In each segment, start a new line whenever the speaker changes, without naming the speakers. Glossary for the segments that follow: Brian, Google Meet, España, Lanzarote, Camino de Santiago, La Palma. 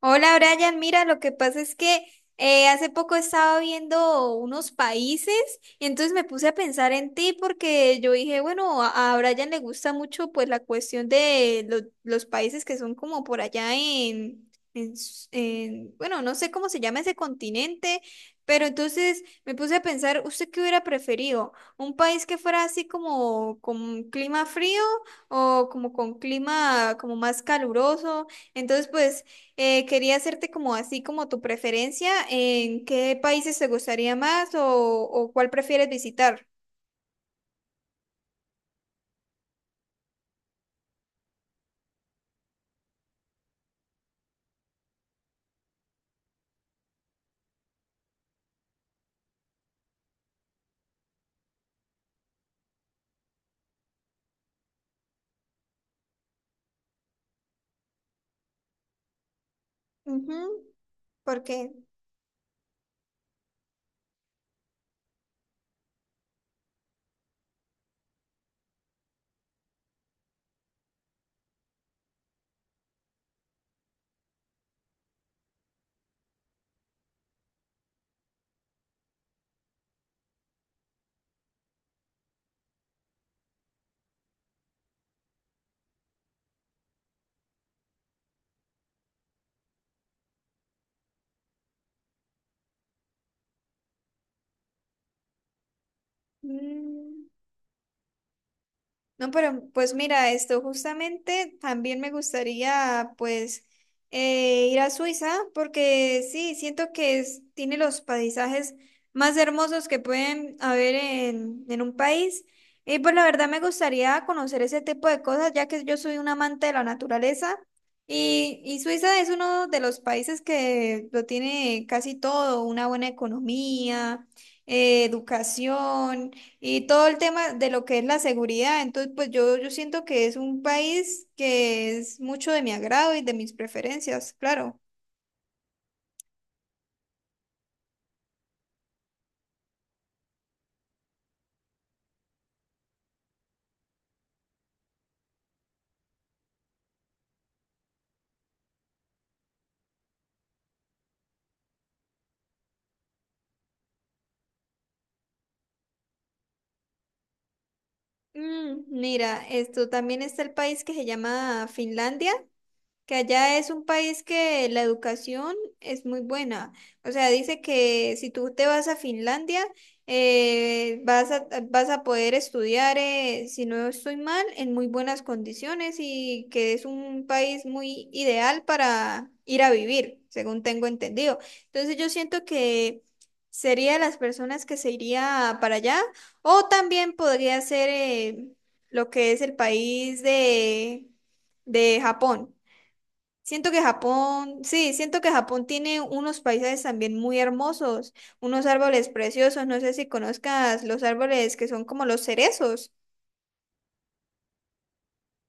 Hola Brian, mira, lo que pasa es que hace poco estaba viendo unos países y entonces me puse a pensar en ti porque yo dije, bueno, a Brian le gusta mucho pues la cuestión de lo- los países que son como por allá bueno, no sé cómo se llama ese continente, pero entonces me puse a pensar, ¿usted qué hubiera preferido? ¿Un país que fuera así como con clima frío o como con clima como más caluroso? Entonces, pues... Quería hacerte como así como tu preferencia en qué países te gustaría más o cuál prefieres visitar. Ujú. Porque no, pero pues mira, esto justamente también me gustaría pues ir a Suiza porque sí, siento que es- tiene los paisajes más hermosos que pueden haber en un país. Y pues la verdad me gustaría conocer ese tipo de cosas ya que yo soy un amante de la naturaleza y Suiza es uno de los países que lo tiene casi todo, una buena economía, educación. Y todo el tema de lo que es la seguridad, entonces pues yo siento que es un país que es mucho de mi agrado y de mis preferencias, claro. Mm, mira, esto también está el país que se llama Finlandia, que allá es un país que la educación es muy buena. O sea, dice que si tú te vas a Finlandia, vas a poder estudiar, si no estoy mal, en muy buenas condiciones y que es un país muy ideal para ir a vivir, según tengo entendido. Entonces yo siento que sería de las personas que se iría para allá o también podría ser lo que es el país de Japón. Siento que Japón, sí, siento que Japón tiene unos paisajes también muy hermosos, unos árboles preciosos, no sé si conozcas los árboles que son como los cerezos.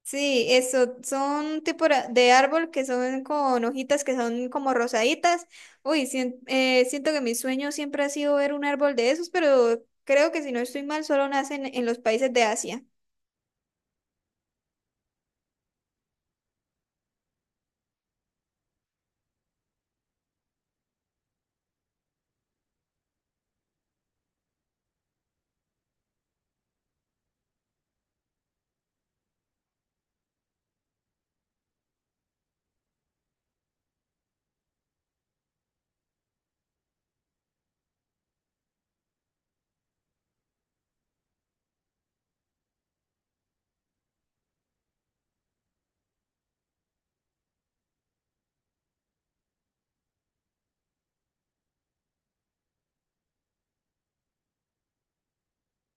Sí, eso, son tipo ra- de árbol que son con hojitas que son como rosaditas. Uy, siento que mi sueño siempre ha sido ver un árbol de esos, pero creo que si no estoy mal, solo nacen en los países de Asia.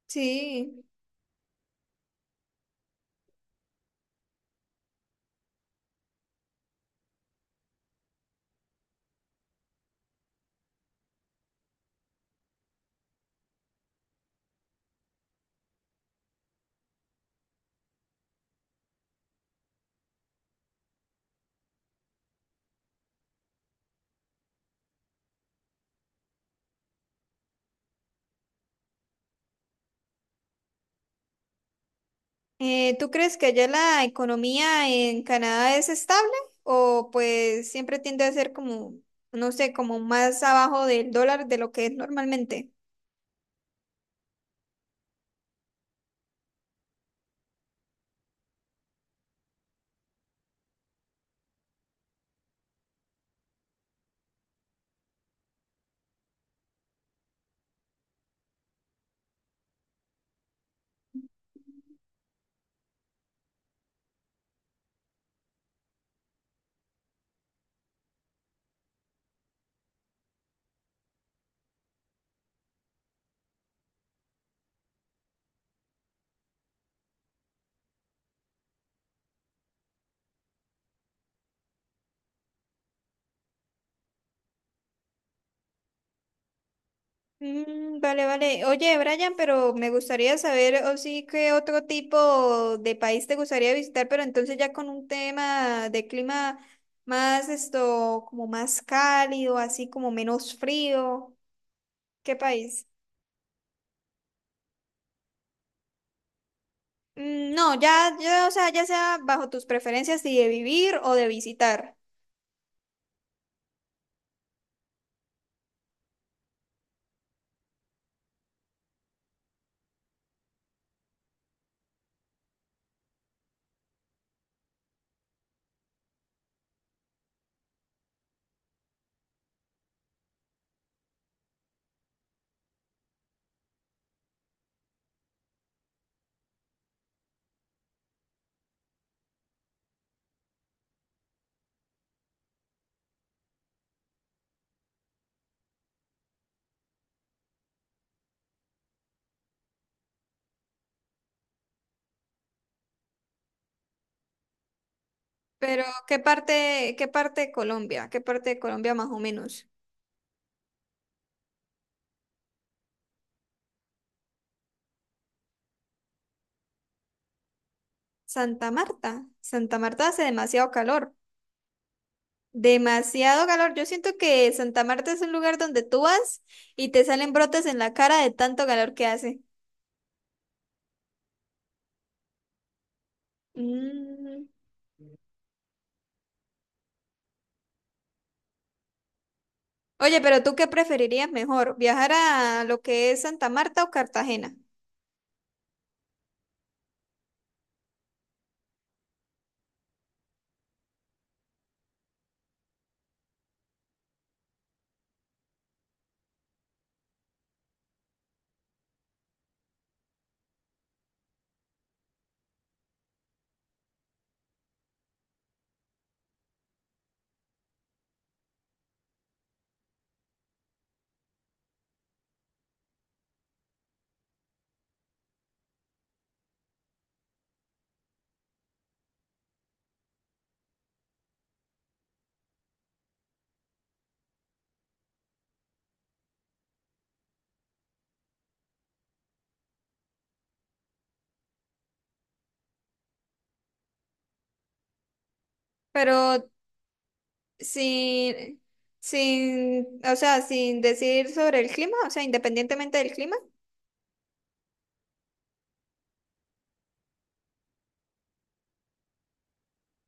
Sí. ¿Tú crees que allá la economía en Canadá es estable o pues siempre tiende a ser como, no sé, como más abajo del dólar de lo que es normalmente? Mm, vale, vale. Oye, Brian, pero me gustaría saber, o sí, qué otro tipo de país te gustaría visitar, pero entonces ya con un tema de clima más esto, como más cálido, así como menos frío. ¿Qué país? Mm, no, ya, ya, o sea, ya sea bajo tus preferencias si de vivir o de visitar. Pero, qué parte de Colombia? ¿Qué parte de Colombia más o menos? Santa Marta. Santa Marta hace demasiado calor. Demasiado calor. Yo siento que Santa Marta es un lugar donde tú vas y te salen brotes en la cara de tanto calor que hace. Mm. Oye, pero ¿tú qué preferirías mejor? ¿Viajar a lo que es Santa Marta o Cartagena? Pero sin, sin, o sea, sin decir sobre el clima, o sea, independientemente del clima.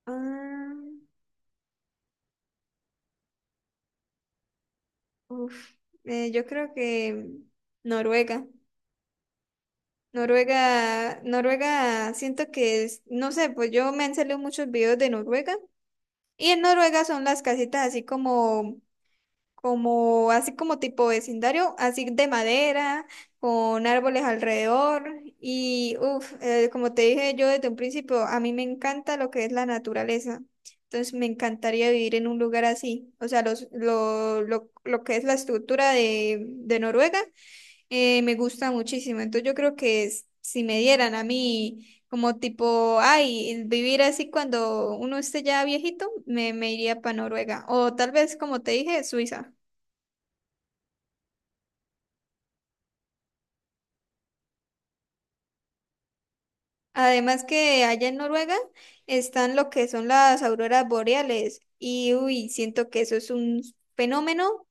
Ah, uf, yo creo que Noruega. Noruega, Noruega, siento que es, no sé, pues yo me han salido muchos videos de Noruega. Y en Noruega son las casitas así como como así como tipo vecindario, así de madera, con árboles alrededor y uff, como te dije yo desde un principio, a mí me encanta lo que es la naturaleza. Entonces me encantaría vivir en un lugar así. O sea, lo que es la estructura de Noruega me gusta muchísimo. Entonces yo creo que s- si me dieran a mí como tipo, ay, vivir así cuando uno esté ya viejito, me iría para Noruega. O tal vez, como te dije, Suiza. Además que allá en Noruega están lo que son las auroras boreales y uy, siento que eso es un fenómeno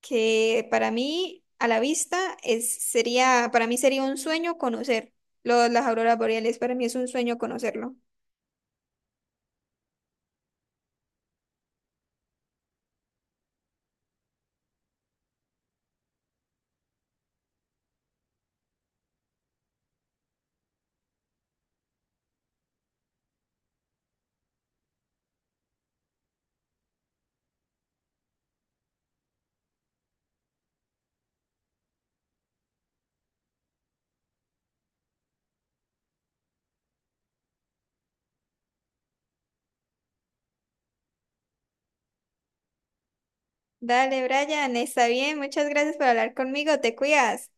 que para mí a la vista es, sería, para mí sería un sueño conocer lo- las auroras boreales, para mí es un sueño conocerlo. Dale, Brian, está bien, muchas gracias por hablar conmigo, te cuidas.